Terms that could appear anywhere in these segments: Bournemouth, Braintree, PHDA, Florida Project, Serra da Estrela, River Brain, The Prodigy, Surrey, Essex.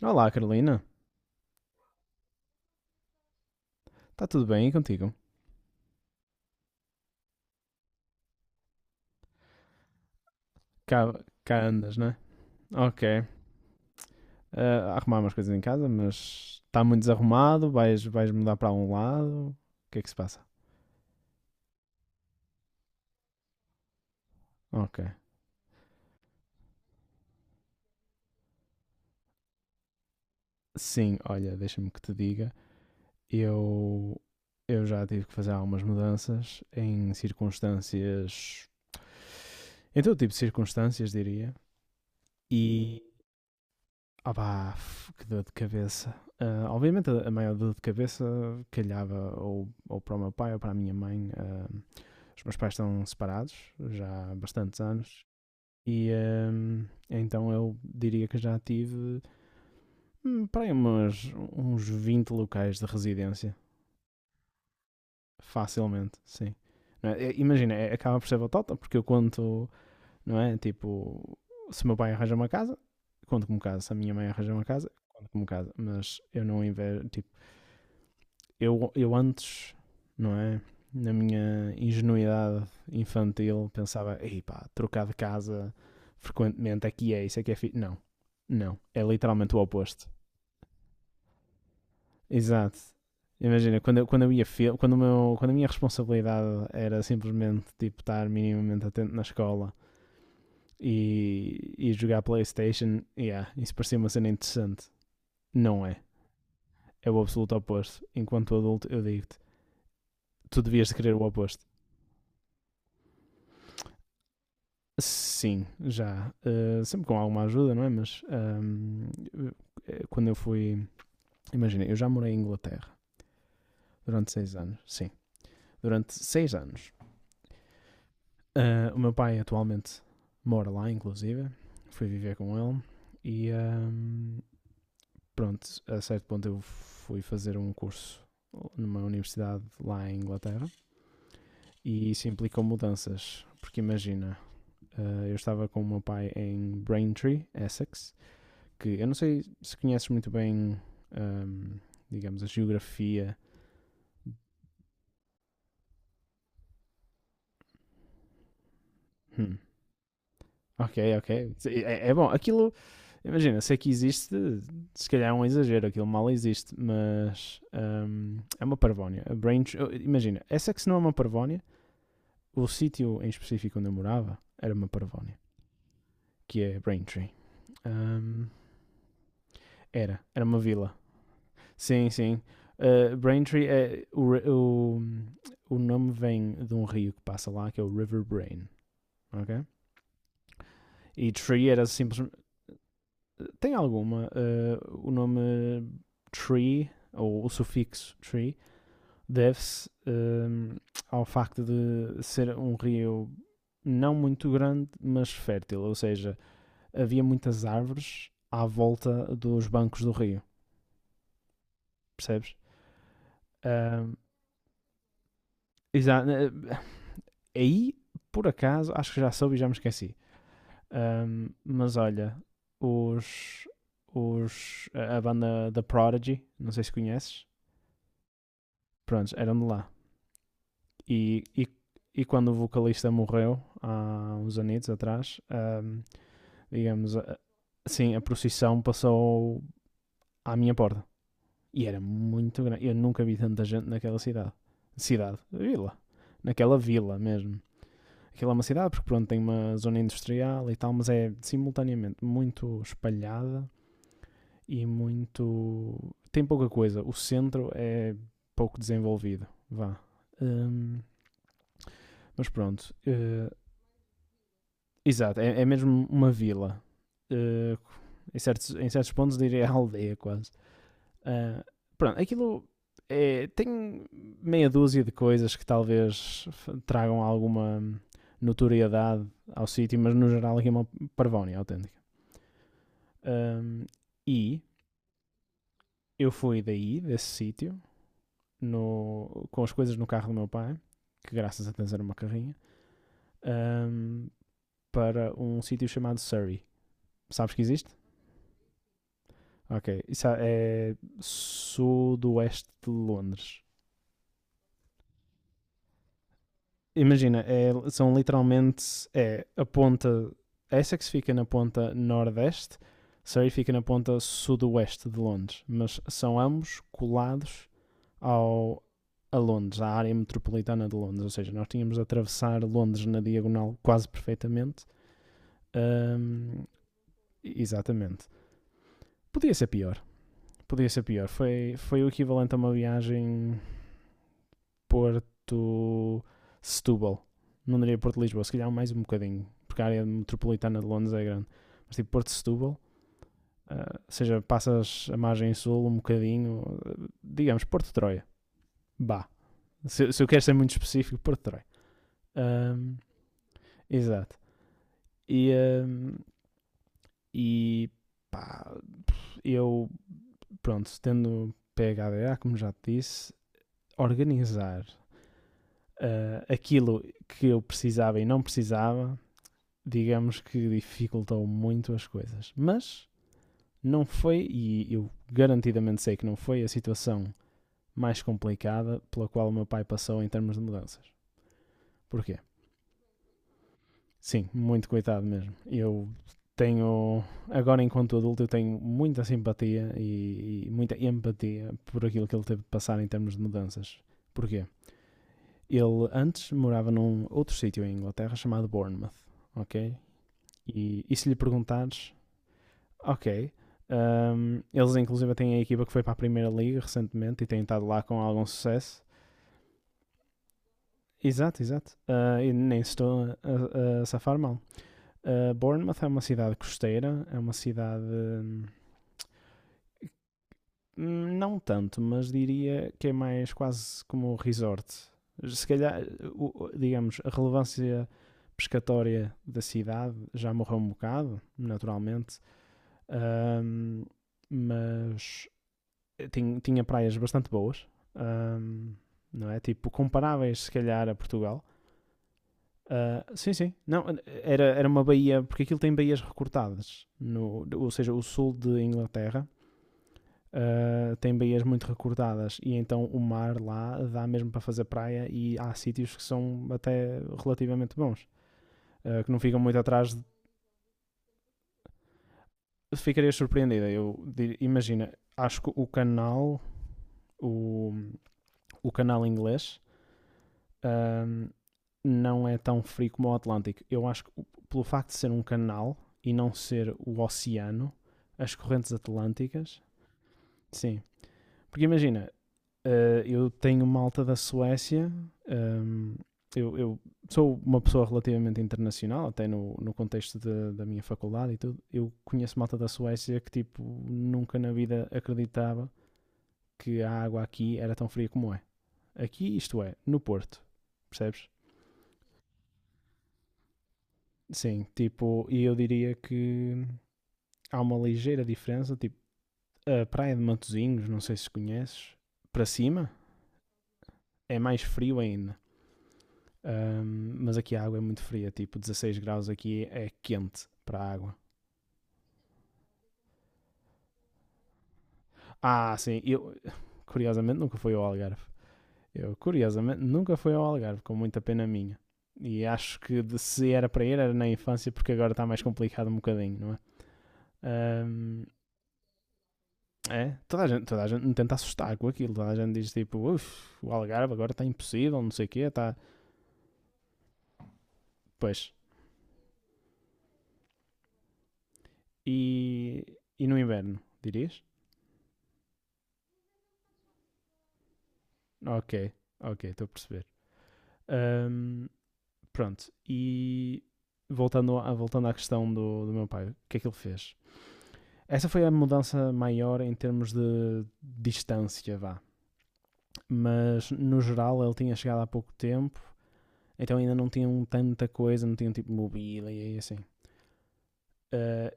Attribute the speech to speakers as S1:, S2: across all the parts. S1: Olá, Carolina. Está tudo bem e contigo? Cá, cá andas, né? Ok. Ah, a arrumar umas coisas em casa, mas está muito desarrumado. Vais mudar para um lado. O que é que se passa? Ok. Sim, olha, deixa-me que te diga. Eu, eu já tive que fazer algumas mudanças em circunstâncias. Em todo tipo de circunstâncias, diria. E. Opá, que dor de cabeça. Ah, obviamente, a maior dor de cabeça calhava ou para o meu pai ou para a minha mãe. Os meus pais estão separados já há bastantes anos e então eu diria que já tive para aí uns 20 locais de residência, facilmente, sim. Não é? É, imagina, acaba por ser batota, porque eu conto, não é? Tipo, se o meu pai arranja uma casa, conto como casa, se a minha mãe arranja uma casa, conto como casa, mas eu não invejo, tipo, eu antes, não é? Na minha ingenuidade infantil, pensava, ei pá, trocar de casa frequentemente aqui é isso, Não, não. É literalmente o oposto. Exato. Imagina, quando eu ia fil- quando a minha responsabilidade era simplesmente tipo, estar minimamente atento na escola e jogar Playstation, yeah, isso parecia uma cena interessante. Não é. É o absoluto oposto. Enquanto adulto, eu digo-te, tu devias de querer o oposto. Sim, já. Sempre com alguma ajuda, não é? Mas quando eu fui. Imagina, eu já morei em Inglaterra durante 6 anos. Sim, durante 6 anos. Ah, o meu pai atualmente mora lá, inclusive. Fui viver com ele. E pronto, a certo ponto eu fui fazer um curso numa universidade lá em Inglaterra. E isso implicou mudanças. Porque imagina, ah, eu estava com o meu pai em Braintree, Essex, que eu não sei se conheces muito bem, hum, digamos, a geografia. Hum, ok, ok. É, é bom. Aquilo, imagina, sei que existe, se calhar é um exagero, aquilo mal existe, mas é uma parvónia. A Braintree, oh, imagina, essa é que se não é uma parvónia, o sítio em específico onde eu morava era uma parvónia, que é Braintree. Hum, era uma vila. Sim, sim. Braintree é o nome vem de um rio que passa lá, que é o River Brain. Ok? E Tree era simplesmente. Tem alguma? O nome Tree, ou o sufixo Tree, deve-se ao facto de ser um rio não muito grande, mas fértil. Ou seja, havia muitas árvores à volta dos bancos do rio, percebes? Ah, exa- eh, aí, por acaso, acho que já soube e já me esqueci. Mas olha, os, a banda The Prodigy, não sei se conheces, pronto, eram de lá. E, e, e quando o vocalista morreu, há uns anos atrás, digamos, assim, a procissão passou à minha porta. E era muito grande. Eu nunca vi tanta gente naquela cidade. Cidade, vila. Naquela vila mesmo. Aquilo é uma cidade porque, pronto, tem uma zona industrial e tal, mas é simultaneamente muito espalhada e muito. Tem pouca coisa. O centro é pouco desenvolvido. Vá. Hum, mas pronto. Exato, é, é mesmo uma vila. Eh, em certos pontos diria aldeia quase. Ah, pronto, aquilo é, tem meia dúzia de coisas que talvez tragam alguma notoriedade ao sítio, mas no geral aqui é uma parvónia autêntica. Ahm, e eu fui daí, desse sítio, com as coisas no carro do meu pai, que graças a Deus era uma carrinha, ahm, para um sítio chamado Surrey. Sabes que existe? Ok. Isso é sudoeste de Londres. Imagina, são literalmente a ponta. Essex fica na ponta nordeste, Surrey fica na ponta sudoeste de Londres, mas são ambos colados ao, a Londres, à área metropolitana de Londres. Ou seja, nós tínhamos de atravessar Londres na diagonal quase perfeitamente. Hum, exatamente. Podia ser pior. Podia ser pior. Foi o equivalente a uma viagem Porto-Setúbal. Não diria Porto-Lisboa, se calhar mais um bocadinho. Porque a área metropolitana de Londres é grande. Mas tipo Porto-Setúbal, ou seja, passas a margem sul um bocadinho, digamos Porto-Troia. Bah. Se eu quero ser muito específico, Porto-Troia. Hum, Exato. E, hum, e pá, eu, pronto, tendo PHDA, como já te disse, organizar aquilo que eu precisava e não precisava, digamos que dificultou muito as coisas. Mas não foi, e eu garantidamente sei que não foi, a situação mais complicada pela qual o meu pai passou em termos de mudanças. Porquê? Sim, muito coitado mesmo. Eu tenho, agora enquanto adulto, eu tenho muita simpatia e muita empatia por aquilo que ele teve de passar em termos de mudanças. Porquê? Ele antes morava num outro sítio em Inglaterra chamado Bournemouth, ok? E se lhe perguntares, ok, um, eles inclusive têm a equipa que foi para a Primeira Liga recentemente e têm estado lá com algum sucesso. Exato, exato. E nem estou a safar mal. Bournemouth é uma cidade costeira, é uma cidade. Não tanto, mas diria que é mais quase como um resort. Se calhar, digamos, a relevância pescatória da cidade já morreu um bocado, naturalmente. Hum, mas tinha praias bastante boas, hum, não é? Tipo, comparáveis, se calhar, a Portugal. Ah, sim, sim. Não, era uma baía, porque aquilo tem baías recortadas. No, ou seja, o sul de Inglaterra tem baías muito recortadas e então o mar lá dá mesmo para fazer praia e há sítios que são até relativamente bons, que não ficam muito atrás. De... Ficaria surpreendida. Imagina, acho que o canal, o, o canal inglês, ah, não é tão frio como o Atlântico. Eu acho que pelo facto de ser um canal e não ser o oceano, as correntes atlânticas, sim. Porque imagina, eu tenho malta da Suécia, ehm, eu sou uma pessoa relativamente internacional, até no contexto da minha faculdade e tudo. Eu conheço malta da Suécia que, tipo, nunca na vida acreditava que a água aqui era tão fria como é. Aqui, isto é, no Porto, percebes? Sim, tipo, e eu diria que há uma ligeira diferença, tipo, a praia de Matozinhos, não sei se conheces, para cima é mais frio ainda. Mas aqui a água é muito fria, tipo 16 graus aqui é quente para a água. Ah, sim, eu curiosamente nunca fui ao Algarve. Eu curiosamente nunca fui ao Algarve, com muita pena minha. E acho que se era para ir era na infância, porque agora está mais complicado um bocadinho, não é? Ahm, é, toda a gente me tenta assustar com aquilo. Toda a gente diz tipo, uff, o Algarve agora está impossível, não sei o quê, está. Pois. E, e no inverno, dirias? Ok, ok, estou a perceber. Ahm, pronto, e voltando, voltando à questão do meu pai, o que é que ele fez? Essa foi a mudança maior em termos de distância, vá. Mas no geral ele tinha chegado há pouco tempo, então ainda não tinham tanta coisa, não tinham tipo mobília e assim. Ah,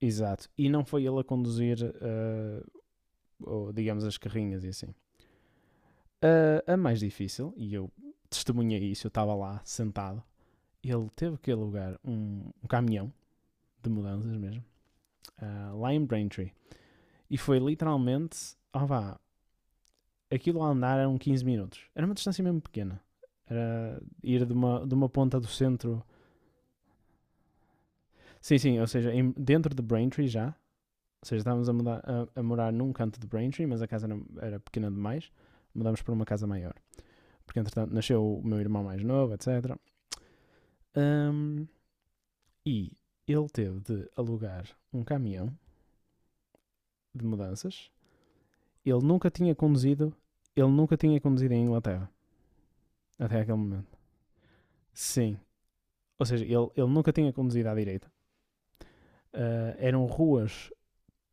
S1: exato. E não foi ele a conduzir, ou, digamos, as carrinhas e assim. A mais difícil, e eu testemunhei isso, eu estava lá sentado, ele teve que alugar um caminhão de mudanças mesmo, lá em Braintree. E foi literalmente, ó vá, aquilo a andar eram 15 minutos. Era uma distância mesmo pequena. Era ir de uma ponta do centro. Sim, sim, ou seja, dentro de Braintree já. Ou seja, estávamos a, mudar, a morar num canto de Braintree, mas a casa era pequena demais. Mudámos para uma casa maior. Porque, entretanto, nasceu o meu irmão mais novo, etc. Ahm, e ele teve de alugar um caminhão de mudanças. Ele nunca tinha conduzido, ele nunca tinha conduzido em Inglaterra até aquele momento. Sim, ou seja, ele nunca tinha conduzido à direita. Ah, eram ruas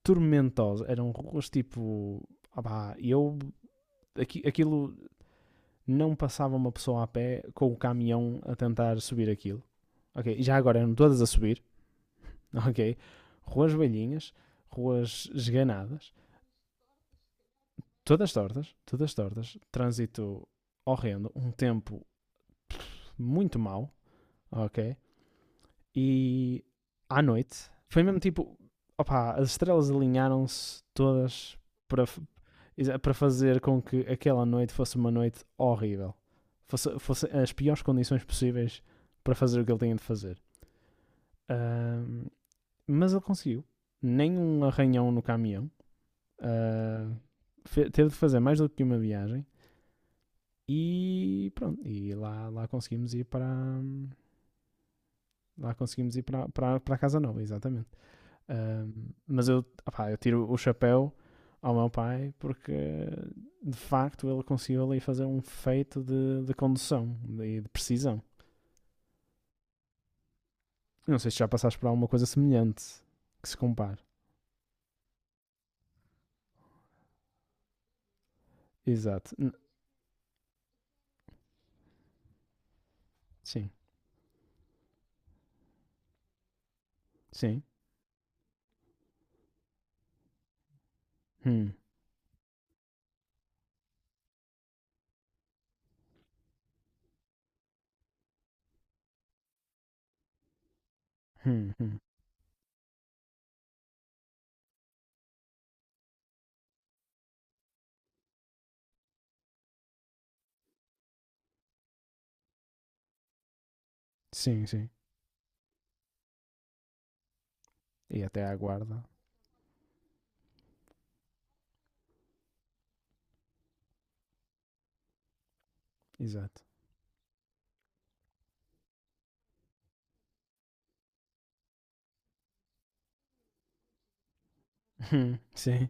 S1: tormentosas, eram ruas tipo. Ah, pá, eu. Aquilo não passava uma pessoa a pé com o caminhão a tentar subir aquilo. Ok, já agora eram todas a subir, ok? Ruas velhinhas, ruas esganadas, todas tortas, trânsito horrendo, um tempo muito mau, ok? E à noite, foi mesmo tipo, opá, as estrelas alinharam-se todas para, para fazer com que aquela noite fosse uma noite horrível. Fosse, fosse as piores condições possíveis para fazer o que ele tinha de fazer. Ahm, mas ele conseguiu. Nem um arranhão no caminhão. Ah, teve de fazer mais do que uma viagem. E pronto, lá conseguimos ir para. Lá conseguimos ir para, para a Casa Nova, exatamente. Um, mas eu, opá, eu tiro o chapéu ao meu pai porque de facto ele conseguiu ali fazer um feito de condução de precisão. Não sei se já passaste por alguma coisa semelhante que se compare. Exato. Sim, sim. Hum, hum, hum. Sim, sim. E até à guarda. Exato. Sim.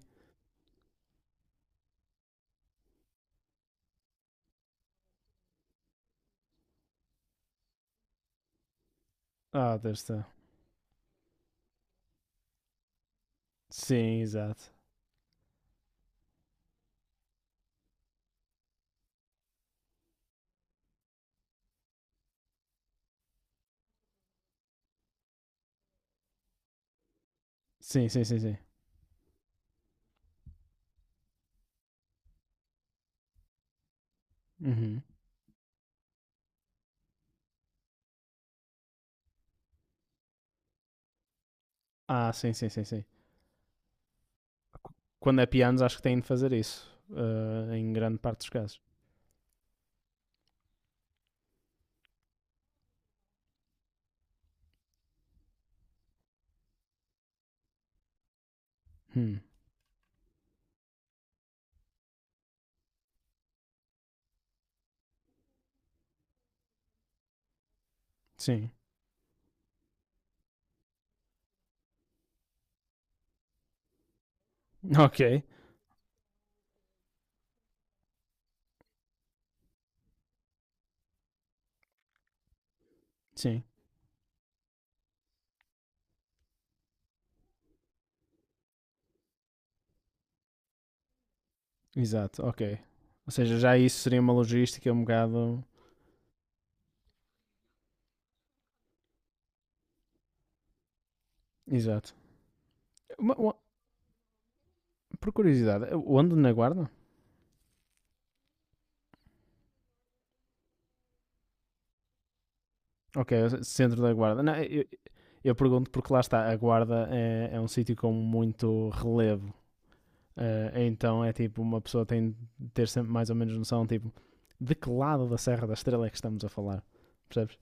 S1: Ah, Deus do céu. Sim, exato. Sim, sim, sim, sim. Uhum. Ah, sim, sim, sim, sim. Qu- Quando é pianos, acho que têm de fazer isso. Em grande parte dos casos. Hum, Sim. Ok. Sim. Exato. Ok. Ou seja, já isso seria uma logística um bocado. Exato. Uma- uma- por curiosidade, onde na guarda? Ok, centro da guarda. Não, eu pergunto porque lá está, a guarda é um sítio com muito relevo. Então é tipo, uma pessoa tem de ter sempre mais ou menos noção, tipo, de que lado da Serra da Estrela é que estamos a falar. Percebes?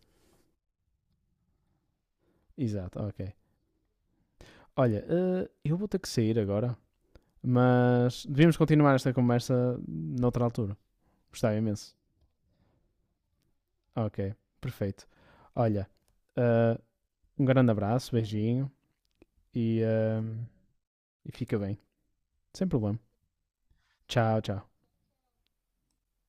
S1: Exato, ok. Olha, eu vou ter que sair agora, mas devíamos continuar esta conversa noutra altura. Gostava imenso. Ok, perfeito. Olha, eh, um grande abraço, beijinho e, eh, e fica bem. Sem problema. Tchau, tchau.